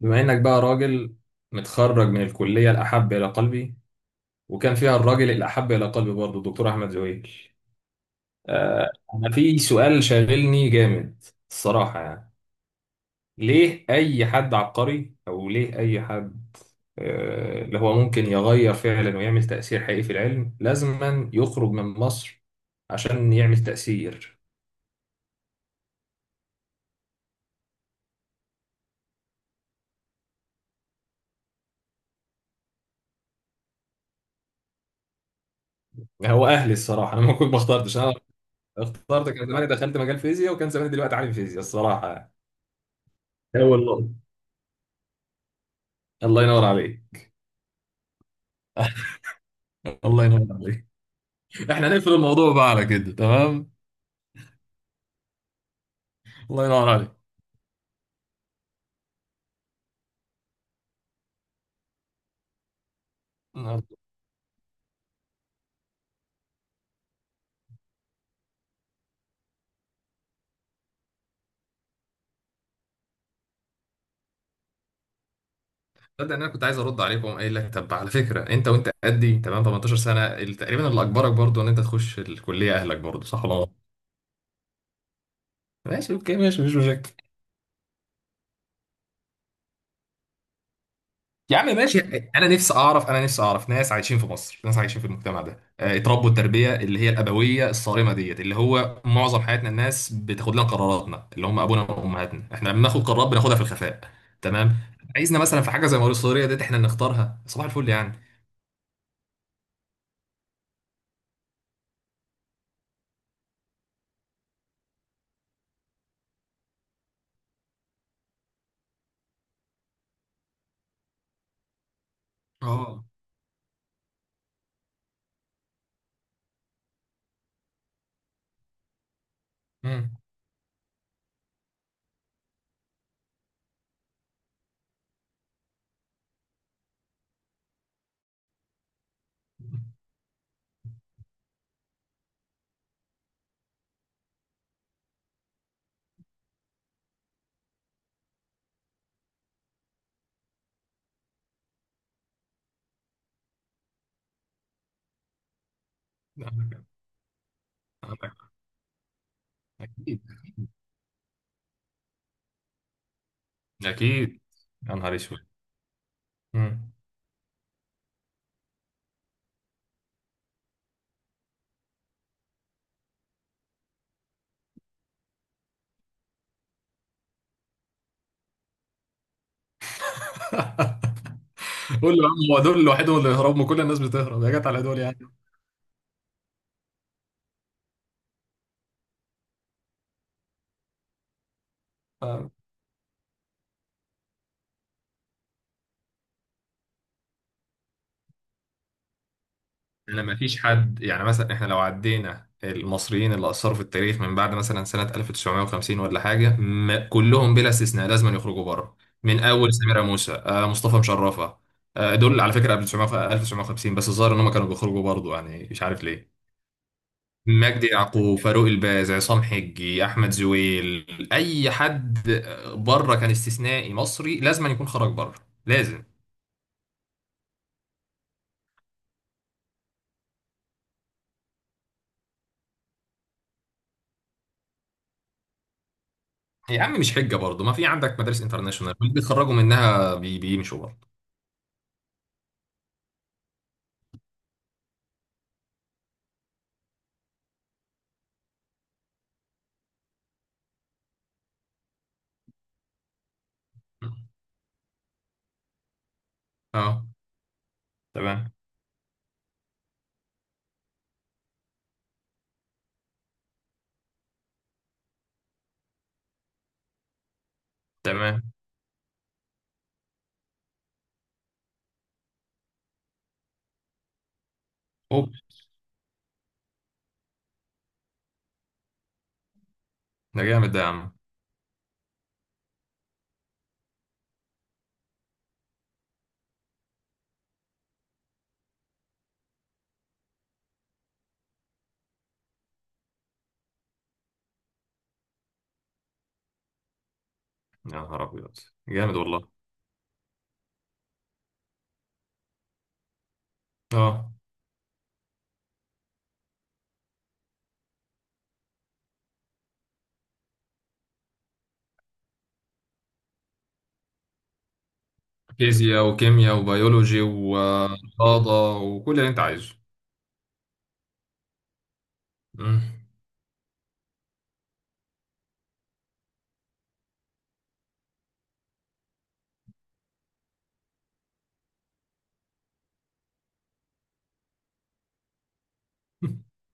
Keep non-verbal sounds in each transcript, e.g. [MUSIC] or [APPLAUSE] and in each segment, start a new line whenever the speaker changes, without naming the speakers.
بما انك بقى راجل متخرج من الكلية الأحب إلى قلبي، وكان فيها الراجل الأحب إلى قلبي برضه الدكتور أحمد زويل. أنا في سؤال شاغلني جامد الصراحة يعني. ليه أي حد عبقري أو ليه أي حد اللي هو ممكن يغير فعلا ويعمل تأثير حقيقي في العلم لازما يخرج من مصر عشان يعمل تأثير؟ هو أهلي الصراحة، أنا ما كنت ما اخترتش أنا، اخترت كان زماني دخلت مجال فيزياء وكان زماني دلوقتي عالم فيزياء الصراحة يعني. هو النقطة الله ينور عليك. [LAUGHS] الله ينور عليك. احنا هنقفل الموضوع بقى على كده، تمام؟ الله ينور عليك. تصدق ان انا كنت عايز ارد عليك واقوم قايل لك، طب على فكره انت وانت قدي تمام 18 سنه تقريبا، اللي اجبرك برضو ان انت تخش الكليه اهلك برضو، صح ولا لا؟ ماشي، اوكي، ماشي، مفيش مشاكل. يا عم ماشي، شيء انا نفسي اعرف، انا نفسي اعرف ناس عايشين في مصر، ناس عايشين في المجتمع ده اتربوا التربيه اللي هي الابويه الصارمه ديت، اللي هو معظم حياتنا الناس بتاخد لنا قراراتنا اللي هم ابونا وامهاتنا، احنا لما بناخد قرارات بناخدها في الخفاء. تمام. عايزنا مثلا في حاجه زي موارد الصغيره ديت احنا نختارها صباح الفل يعني. اه. مم. اكيد. اكيد. يا نهار اسود. مم. قول له يا عم، هو دول لوحدهم اللي يهربوا؟ كل الناس بتهرب، يا جت على دول يعني. لما فيش حد يعني، مثلا احنا لو عدينا المصريين اللي اثروا في التاريخ من بعد مثلا سنه 1950 ولا حاجه، ما كلهم بلا استثناء لازم يخرجوا بره. من اول سمير موسى، مصطفى مشرفه، دول على فكره قبل 1900 1950، بس الظاهر ان هم كانوا بيخرجوا برضه يعني، مش عارف ليه. مجدي يعقوب، فاروق الباز، عصام حجي، احمد زويل، اي حد بره كان استثنائي مصري لازم يكون خرج بره. لازم. يا عم مش حجه برضه، ما في عندك مدارس انترناشونال اللي بيتخرجوا منها بيمشوا بره. اه. تمام. تمام. اوب. ده جامد ده يا عم. يا نهار ابيض. جامد والله. اه. فيزياء وكيمياء وبيولوجي ورياضة وكل اللي انت عايزه. مم. [LAUGHS]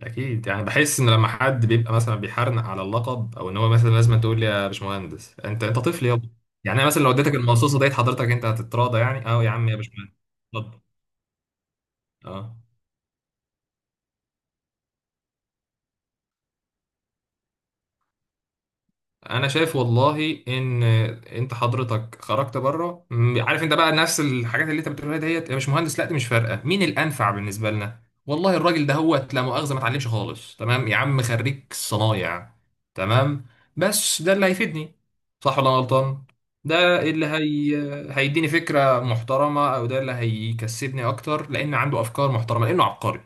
اكيد، يعني بحس ان لما حد بيبقى مثلا بيحرنق على اللقب، او ان هو مثلا لازم تقول لي يا باشمهندس، انت انت طفل يابا. يعني انا مثلا لو اديتك المصاصه ديت حضرتك انت هتتراضى يعني، اه يا عم يا باشمهندس. اتفضل. اه. انا شايف والله ان انت حضرتك خرجت بره عارف انت بقى نفس الحاجات اللي انت بتقولها ديت، يا مش مهندس لا، دي مش فارقه مين الانفع بالنسبه لنا. والله الراجل ده هو لا مؤاخذه ما اتعلمش خالص، تمام، يا عم خريج صنايع، تمام، بس ده اللي هيفيدني، صح ولا أنا غلطان؟ ده اللي هي... هيديني فكره محترمه، او ده اللي هيكسبني اكتر لان عنده افكار محترمه لانه عبقري.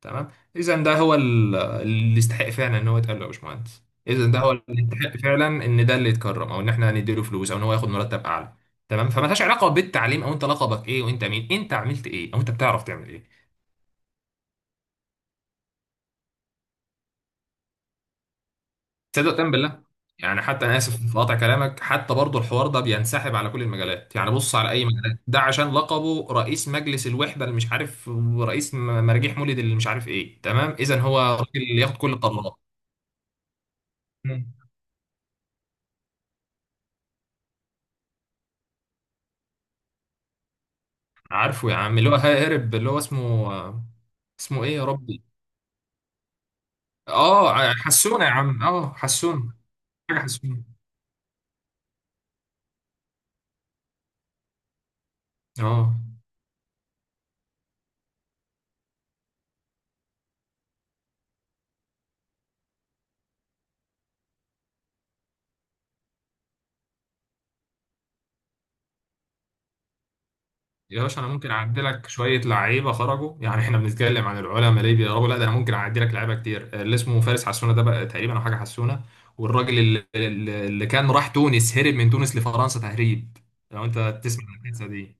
تمام. اذا ده هو اللي يستحق فعلا ان هو يتقال له يا باشمهندس. اذا ده هو اللي يستحق فعلا ان ده اللي يتكرم، او ان احنا نديله فلوس، او ان هو ياخد مرتب اعلى. تمام. فمالهاش علاقه بالتعليم او انت لقبك ايه وانت مين، انت عملت ايه او انت بتعرف تعمل ايه. تصدق وتأمن بالله. يعني حتى انا اسف في قطع كلامك، حتى برضه الحوار ده بينسحب على كل المجالات. يعني بص على اي مجال ده، عشان لقبه رئيس مجلس الوحده اللي مش عارف، ورئيس مراجيح مولد اللي مش عارف ايه، تمام، اذا هو راجل اللي ياخد كل القرارات. مم. عارفه يا عم اللي هو هارب، اللي هو اسمه، اسمه ايه يا ربي؟ اه، حسونة يا عم، اه حسونة، حاجة حسونة. اه. يا باشا انا ممكن اعدي لك شويه لعيبه خرجوا، يعني احنا بنتكلم عن العلماء ليه بيقربوا، لا ده انا ممكن اعدي لك لعيبه كتير، اللي اسمه فارس حسونه ده بقى، تقريبا او حاجه حسونه. والراجل اللي كان راح تونس هرب من تونس لفرنسا تهريب، لو انت تسمع القصه دي.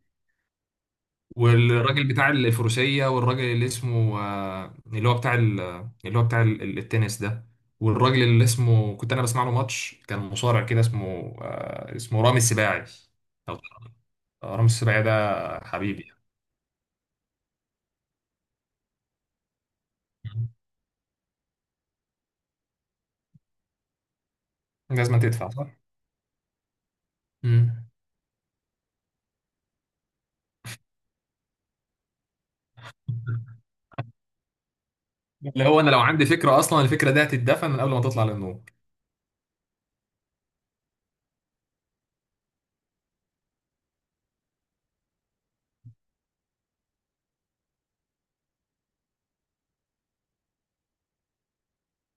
والراجل بتاع الفروسية، والراجل اللي اسمه اللي هو اللي هو بتاع التنس ده. والراجل اللي اسمه، كنت انا بسمع له ماتش، كان مصارع كده، اسمه اسمه رامي السباعي. أو- رامي السباعي ده حبيبي. يعني لازم تدفع، صح؟ مم. اللي هو انا لو عندي فكرة اصلا الفكرة دي هتتدفن من قبل ما تطلع للنور.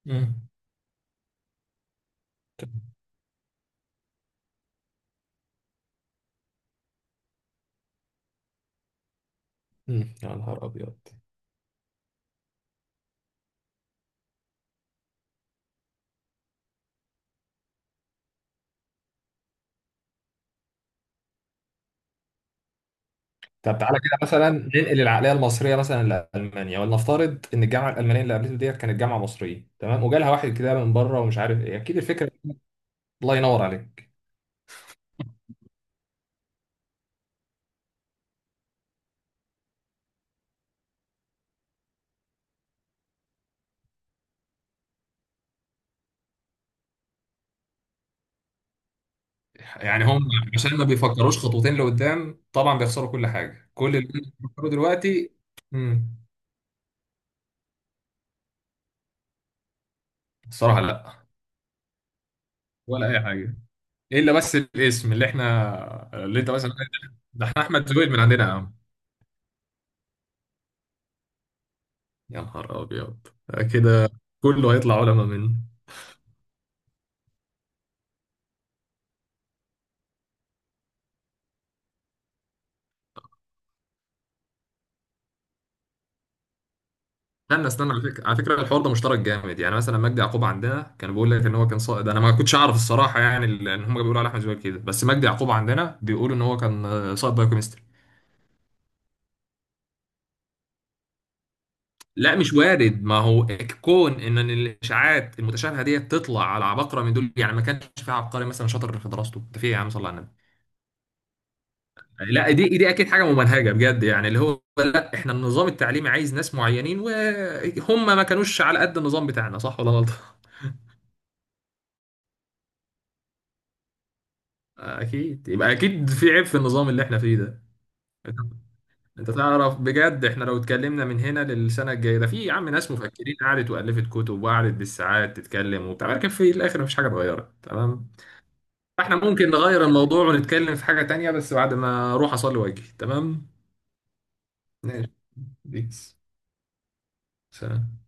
مم. مم. يا نهار ابيض. طب تعالى كده مثلا ننقل العقليه المصريه مثلا لالمانيا، ولنفترض ان الجامعه الالمانيه اللي قابلته ديت كانت جامعه مصريه، تمام، وجالها واحد كده من بره ومش عارف ايه، اكيد الفكره. الله ينور عليك. يعني هم عشان ما بيفكروش خطوتين لقدام طبعا بيخسروا كل حاجه، كل اللي هم بيفكروا دلوقتي. امم الصراحه لا. ولا اي حاجه. الا بس الاسم اللي احنا، اللي انت مثلا، ده احنا احمد زويل من عندنا يا عم. يا نهار ابيض كده، كله هيطلع علماء منه. استنى استنى، على فكره، على فكره الحوار ده مشترك جامد، يعني مثلا مجدي يعقوب عندنا كان بيقول لك ان هو كان صائد، انا ما كنتش اعرف الصراحه يعني، ان هم بيقولوا على احمد زويل كده، بس مجدي يعقوب عندنا بيقولوا ان هو كان صائد بايوكيمستري. لا مش وارد، ما هو كون ان الاشاعات المتشابهه دي تطلع على عباقره من دول يعني، ما كانش في عبقري مثلا شاطر في دراسته ده في إيه يا عم، صلى على النبي. لا دي اكيد حاجه ممنهجه بجد، يعني اللي هو لا، احنا النظام التعليمي عايز ناس معينين وهم ما كانوش على قد النظام بتاعنا، صح ولا غلط؟ اكيد، يبقى اكيد في عيب في النظام اللي احنا فيه ده. انت أنت تعرف بجد احنا لو اتكلمنا من هنا للسنه الجايه ده، في يا عم ناس مفكرين قعدت والفت كتب وقعدت بالساعات تتكلم وبتاع، لكن في الاخر مفيش حاجه اتغيرت، تمام؟ فاحنا ممكن نغير الموضوع ونتكلم في حاجه تانية بس بعد ما اروح اصلي واجي، تمام؟ ماشي. بيس. سلام.